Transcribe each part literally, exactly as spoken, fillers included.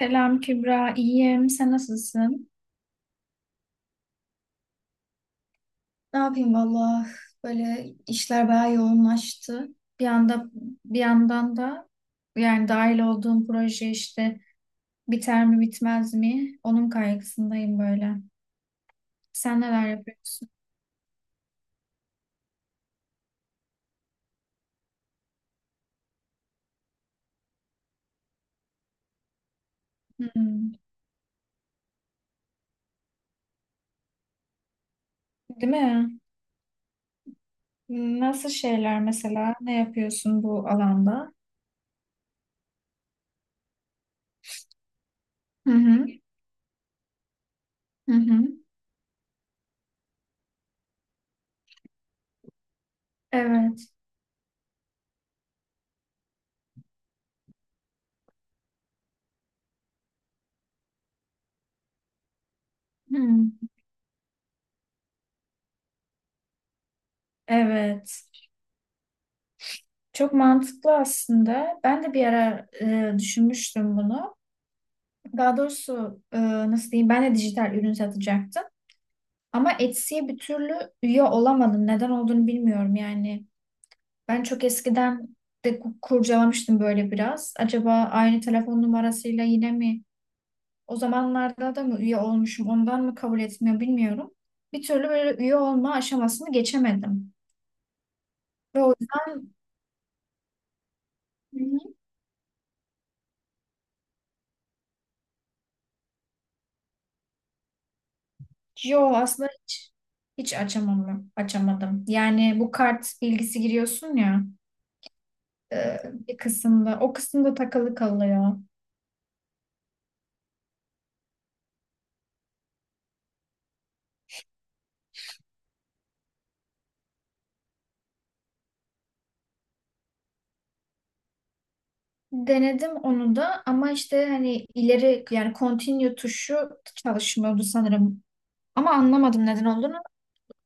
Selam Kübra, iyiyim. Sen nasılsın? Ne yapayım valla, böyle işler bayağı yoğunlaştı. Bir anda bir yandan da yani dahil olduğum proje işte biter mi bitmez mi? Onun kaygısındayım böyle. Sen neler yapıyorsun? Hmm. Değil mi? Nasıl şeyler mesela? Ne yapıyorsun bu alanda? Hı hı. Hı hı. Evet. Hı. Evet. Çok mantıklı aslında. Ben de bir ara e, düşünmüştüm bunu. Daha doğrusu e, nasıl diyeyim, ben de dijital ürün satacaktım. Ama Etsy'ye bir türlü üye olamadım. Neden olduğunu bilmiyorum yani. Ben çok eskiden de ku- kurcalamıştım böyle biraz. Acaba aynı telefon numarasıyla yine mi, o zamanlarda da mı üye olmuşum, ondan mı kabul etmiyor bilmiyorum. Bir türlü böyle üye olma aşamasını geçemedim. Ve o yüzden. Hı hı. Yo, aslında hiç, hiç açamam, açamadım. Yani bu kart bilgisi giriyorsun ya. e, Bir kısımda. O kısımda takılı kalıyor. Denedim onu da, ama işte hani ileri, yani continue tuşu çalışmıyordu sanırım. Ama anlamadım neden olduğunu.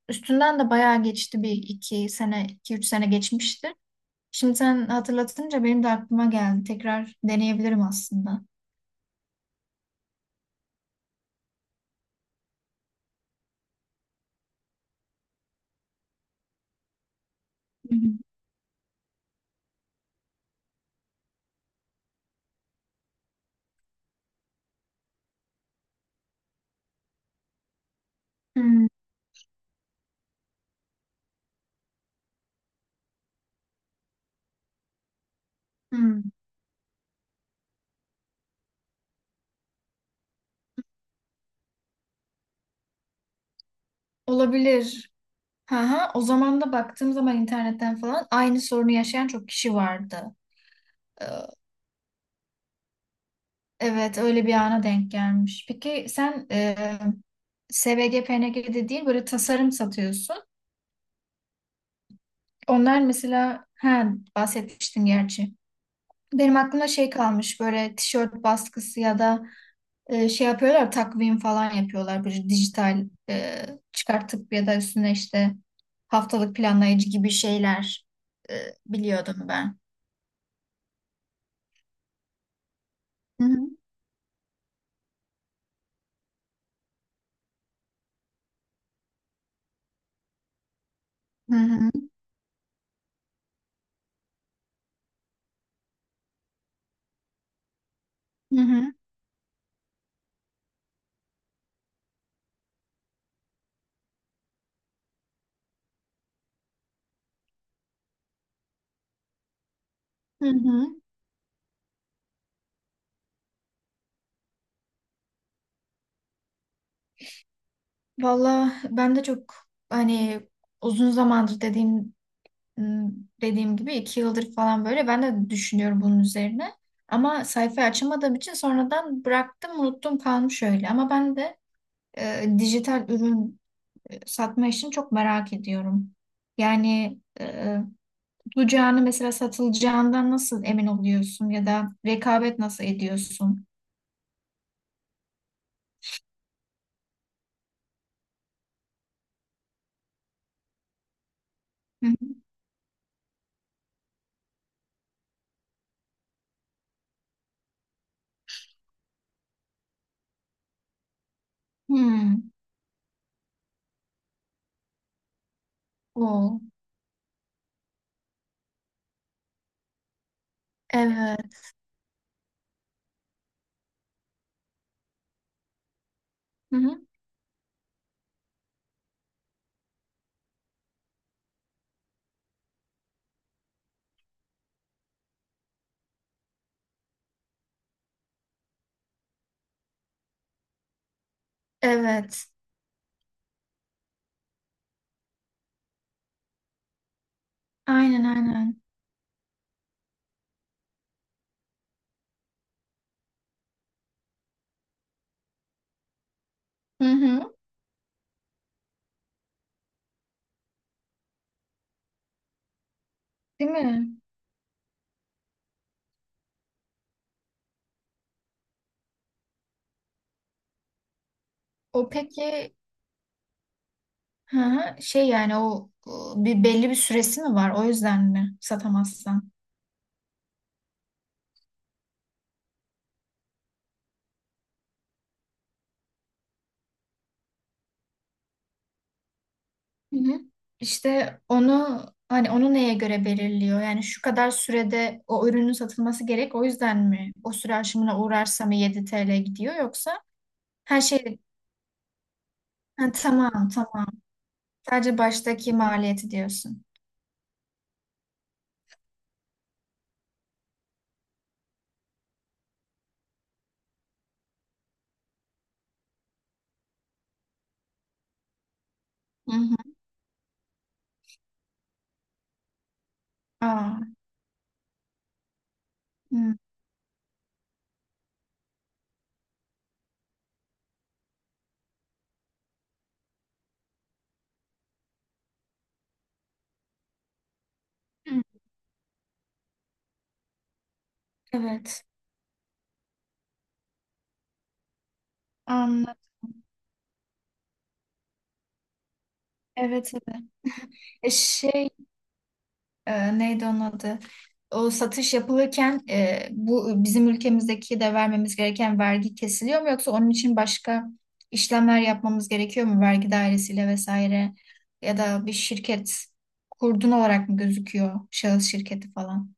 Üstünden de bayağı geçti, bir iki sene, iki üç sene geçmişti. Şimdi sen hatırlatınca benim de aklıma geldi. Tekrar deneyebilirim aslında. Hı hı. Hmm, hmm. Olabilir. Ha ha. O zaman da baktığım zaman internetten falan aynı sorunu yaşayan çok kişi vardı. Ee, Evet, öyle bir ana denk gelmiş. Peki sen e, S V G, de değil, böyle tasarım satıyorsun. Onlar mesela ha, bahsetmiştin gerçi. Benim aklımda şey kalmış, böyle tişört baskısı ya da e, şey yapıyorlar, takvim falan yapıyorlar. Bir dijital e, çıkartıp ya da üstüne işte haftalık planlayıcı gibi şeyler. e, Biliyordum ben. Hı hı. Hı hı. Hı hı. Hı hı. Valla ben de çok hani uzun zamandır dediğim Hmm, dediğim gibi iki yıldır falan böyle ben de düşünüyorum bunun üzerine. Ama sayfayı açamadığım için sonradan bıraktım, unuttum, kalmış öyle. Ama ben de e, dijital ürün e, satma işini çok merak ediyorum. Yani e, tutacağını, mesela satılacağından nasıl emin oluyorsun ya da rekabet nasıl ediyorsun? Hı hı. Hmm. O. Evet. Hı hı. Evet. Aynen aynen. Hı hı. Değil mi? O peki. Hı hı. Şey yani, o o bir belli bir süresi mi var? O yüzden mi satamazsan? Hı hı. İşte onu hani, onu neye göre belirliyor? Yani şu kadar sürede o ürünün satılması gerek. O yüzden mi? O süre aşımına uğrarsa mı yedi T L gidiyor, yoksa her şey? Ha, tamam tamam. Sadece baştaki maliyeti diyorsun. Hı hı. Aa, hı. Hı. Evet. Anladım. Evet evet. E, şey, e, neydi onun adı? O satış yapılırken, e, bu bizim ülkemizdeki de vermemiz gereken vergi kesiliyor mu, yoksa onun için başka işlemler yapmamız gerekiyor mu vergi dairesiyle vesaire, ya da bir şirket kurdun olarak mı gözüküyor, şahıs şirketi falan?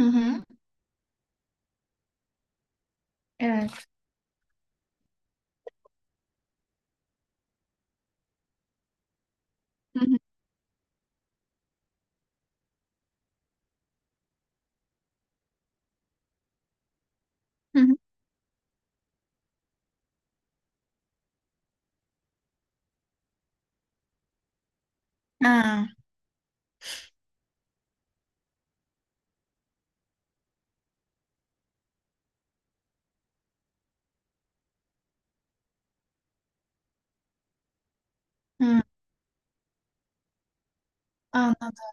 Hı hı. Evet. Hı hı. Hı hı. Ha, hı. Anladım.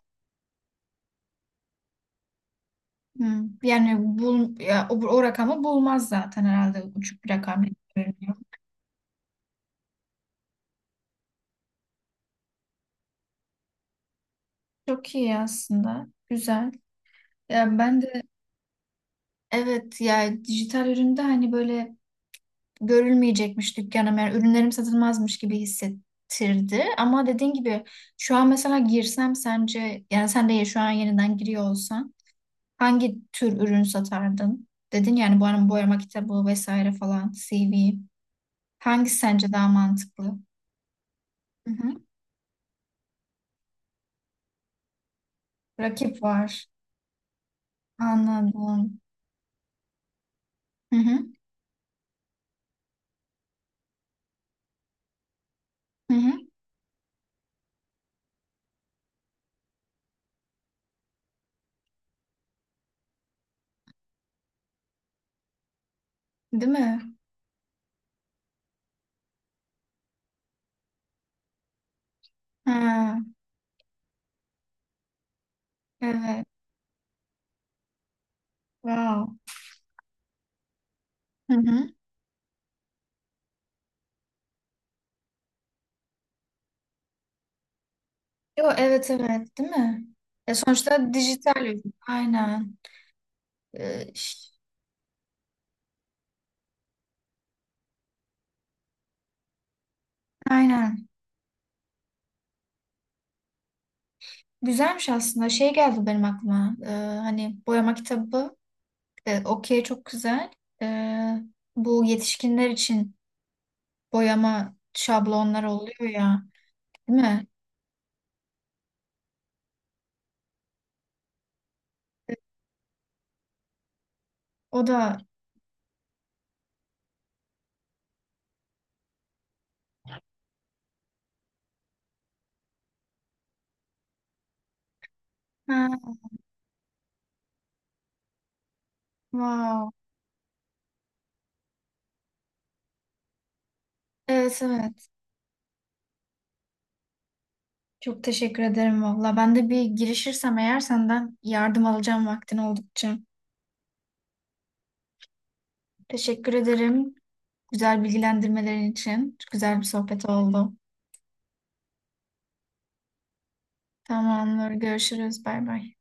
Hı. Yani bul, ya, o, o rakamı bulmaz zaten herhalde, uçuk bir rakam gibi görünüyor. Çok iyi aslında. Güzel. Ya ben de. Evet, yani dijital üründe hani böyle görülmeyecekmiş dükkanım, yani ürünlerim satılmazmış gibi hissettirdi. Ama dediğin gibi şu an mesela girsem, sence yani sen de şu an yeniden giriyor olsan hangi tür ürün satardın? Dedin yani, bu arada boyama kitabı vesaire falan, C CV. Hangisi sence daha mantıklı? Hı hı. Rakip var. Anladım. Hı hı. Hı hı. Değil mi? Ha, evet. Wow. Hı hı. Yo, evet evet, değil mi? Ya sonuçta dijital ürün. Aynen. Ee, ş- aynen. Güzelmiş aslında. Şey geldi benim aklıma. Ee, hani boyama kitabı. E, okey, çok güzel. Ee, Bu yetişkinler için boyama şablonları oluyor ya. Değil mi? E, O da. Ha, wow. Evet evet. Çok teşekkür ederim valla. Ben de bir girişirsem eğer, senden yardım alacağım vaktin oldukça. Teşekkür ederim. Güzel bilgilendirmelerin için. Güzel bir sohbet oldu. Tamamdır. Görüşürüz. Bay bay.